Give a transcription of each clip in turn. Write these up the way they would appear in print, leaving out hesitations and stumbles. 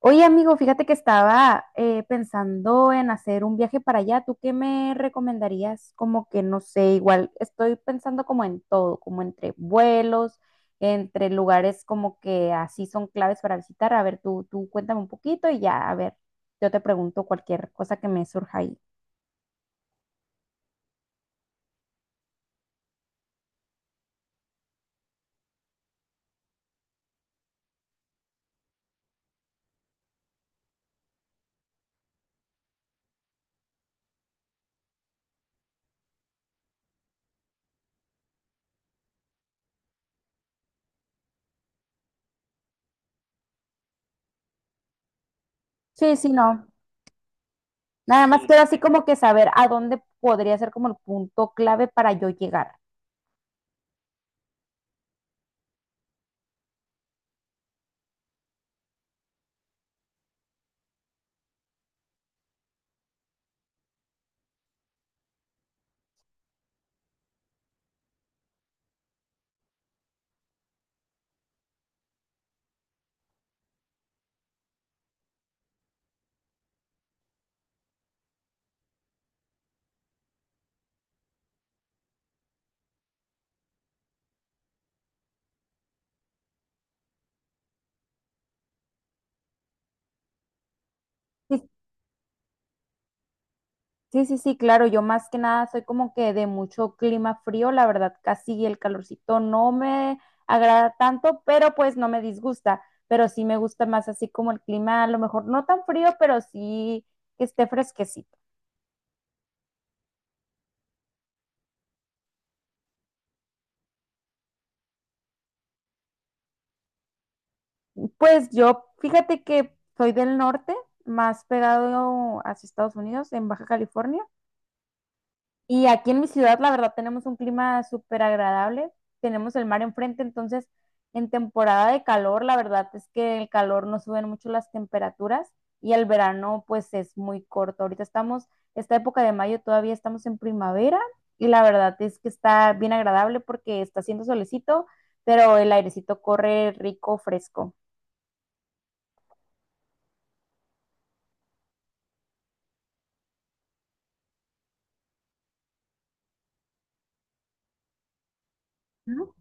Oye, amigo, fíjate que estaba pensando en hacer un viaje para allá. ¿Tú qué me recomendarías? Como que no sé, igual estoy pensando como en todo, como entre vuelos, entre lugares como que así son claves para visitar. A ver, tú cuéntame un poquito y ya, a ver, yo te pregunto cualquier cosa que me surja ahí. Sí, sí, no. Nada más sí, quiero así como que saber a dónde podría ser como el punto clave para yo llegar. Sí, sí, sí, sí, claro, yo más que nada soy como que de mucho clima frío, la verdad, casi el calorcito no me agrada tanto, pero pues no me disgusta, pero sí me gusta más así como el clima, a lo mejor no tan frío, pero sí que esté fresquecito. Pues yo, fíjate que soy del norte, más pegado hacia Estados Unidos, en Baja California. Y aquí en mi ciudad, la verdad, tenemos un clima súper agradable. Tenemos el mar enfrente, entonces en temporada de calor, la verdad es que el calor no suben mucho las temperaturas y el verano pues es muy corto. Ahorita estamos, esta época de mayo todavía estamos en primavera y la verdad es que está bien agradable porque está haciendo solecito, pero el airecito corre rico, fresco. ¿No?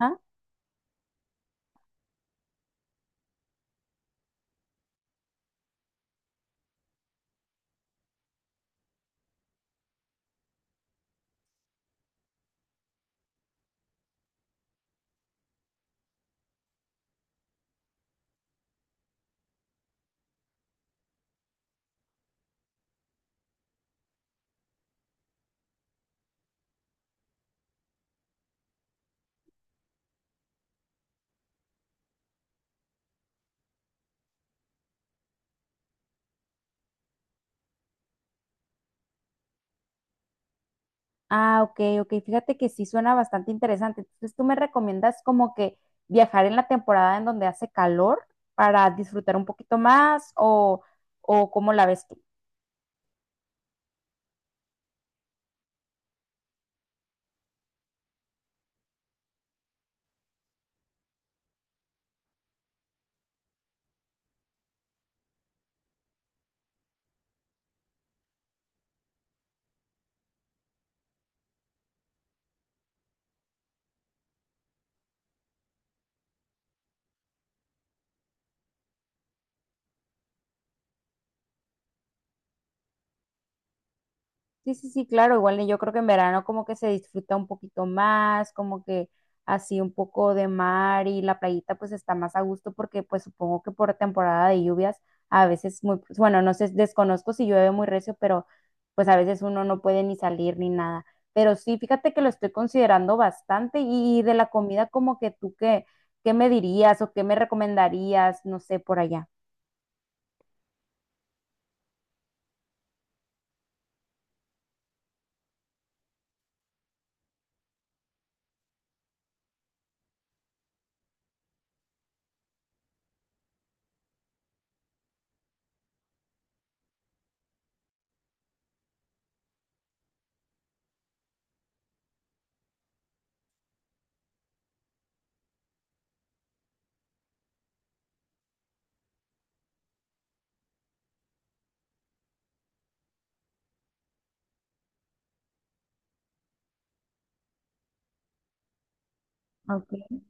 ¿Ah? Ah, ok, ok. Fíjate que sí suena bastante interesante. Entonces, ¿tú me recomiendas como que viajar en la temporada en donde hace calor para disfrutar un poquito más o cómo la ves tú? Sí, sí, sí, claro, igual yo creo que en verano como que se disfruta un poquito más, como que así un poco de mar y la playita pues está más a gusto porque pues supongo que por temporada de lluvias a veces muy, pues, bueno, no sé, desconozco si llueve muy recio, pero pues a veces uno no puede ni salir ni nada. Pero sí, fíjate que lo estoy considerando bastante y de la comida como que tú qué, qué me dirías o qué me recomendarías, no sé, por allá. Ok,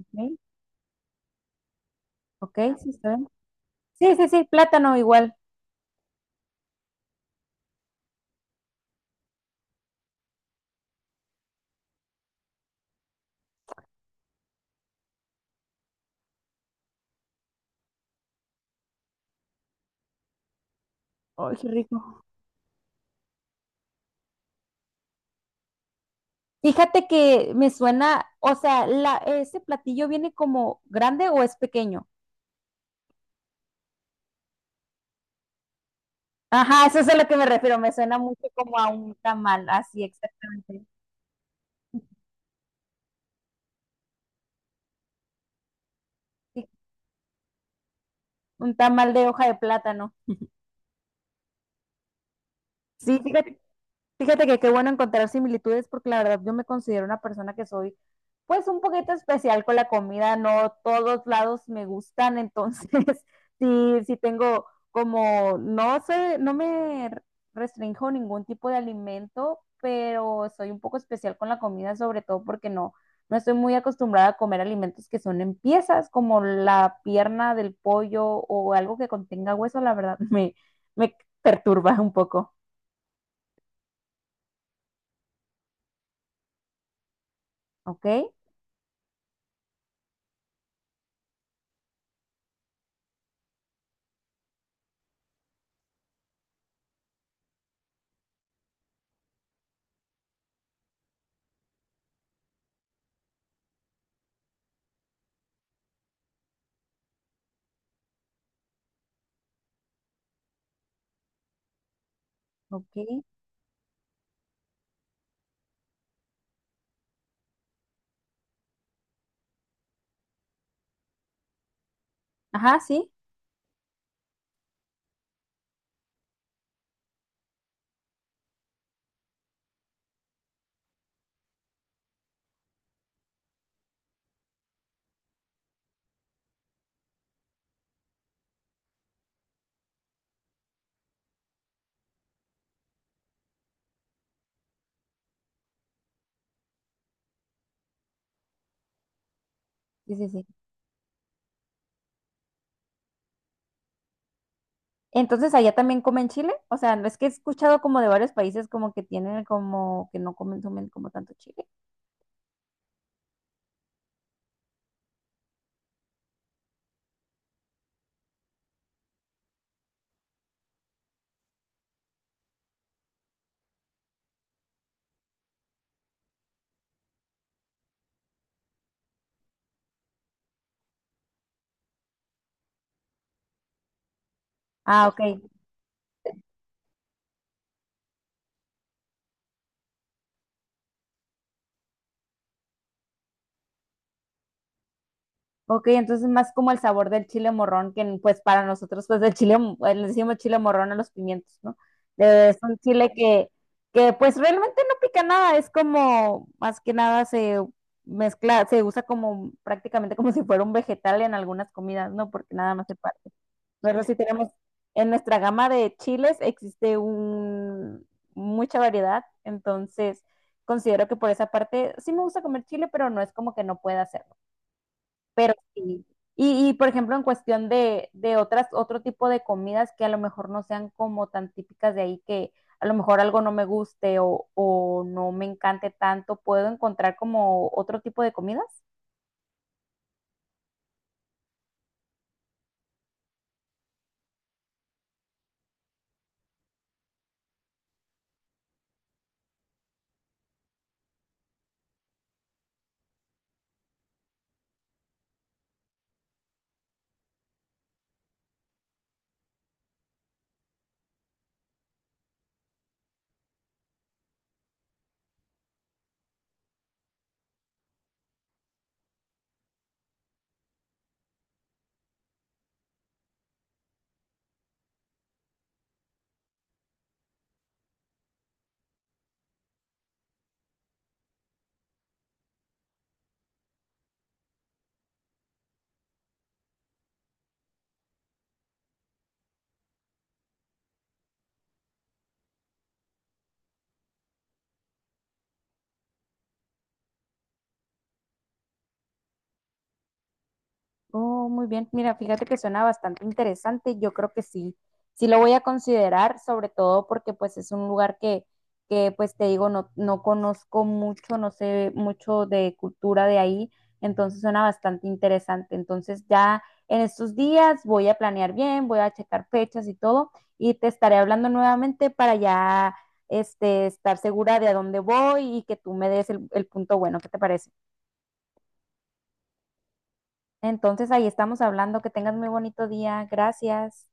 ok, ok, sí, está bien. Sí, sí, sí, plátano igual. Ay, qué rico. Fíjate que me suena, o sea, la, ese platillo viene como grande o es pequeño. Ajá, eso es a lo que me refiero, me suena mucho como a un tamal, así exactamente. Sí, un tamal de hoja de plátano. Sí, fíjate. Fíjate que qué bueno encontrar similitudes porque la verdad yo me considero una persona que soy pues un poquito especial con la comida, no todos lados me gustan, entonces sí, sí tengo como, no sé, no me restrinjo ningún tipo de alimento, pero soy un poco especial con la comida, sobre todo porque no, no estoy muy acostumbrada a comer alimentos que son en piezas, como la pierna del pollo o algo que contenga hueso, la verdad me perturba un poco, ¿ok? Ok. Ajá, sí, sí, sí, sí. Entonces, allá también comen chile. O sea, no es que he escuchado como de varios países como que tienen como que no consumen como tanto chile. Ah, ok. Ok, entonces más como el sabor del chile morrón, que pues para nosotros, pues el chile, mo- le decimos chile morrón a los pimientos, ¿no? Es un chile que pues realmente no pica nada, es como más que nada se mezcla, se usa como prácticamente como si fuera un vegetal en algunas comidas, ¿no? Porque nada más se para. Nosotros sí tenemos, en nuestra gama de chiles existe un, mucha variedad, entonces considero que por esa parte sí me gusta comer chile, pero no es como que no pueda hacerlo. Pero sí. Y, por ejemplo, en cuestión de otras, otro tipo de comidas que a lo mejor no sean como tan típicas de ahí, que a lo mejor algo no me guste o no me encante tanto, ¿puedo encontrar como otro tipo de comidas? Oh, muy bien. Mira, fíjate que suena bastante interesante. Yo creo que sí, sí lo voy a considerar, sobre todo porque pues es un lugar que pues te digo, no, no conozco mucho, no sé mucho de cultura de ahí, entonces suena bastante interesante. Entonces ya en estos días voy a planear bien, voy a checar fechas y todo, y te estaré hablando nuevamente para ya este, estar segura de a dónde voy y que tú me des el punto bueno. ¿Qué te parece? Entonces ahí estamos hablando. Que tengas muy bonito día. Gracias.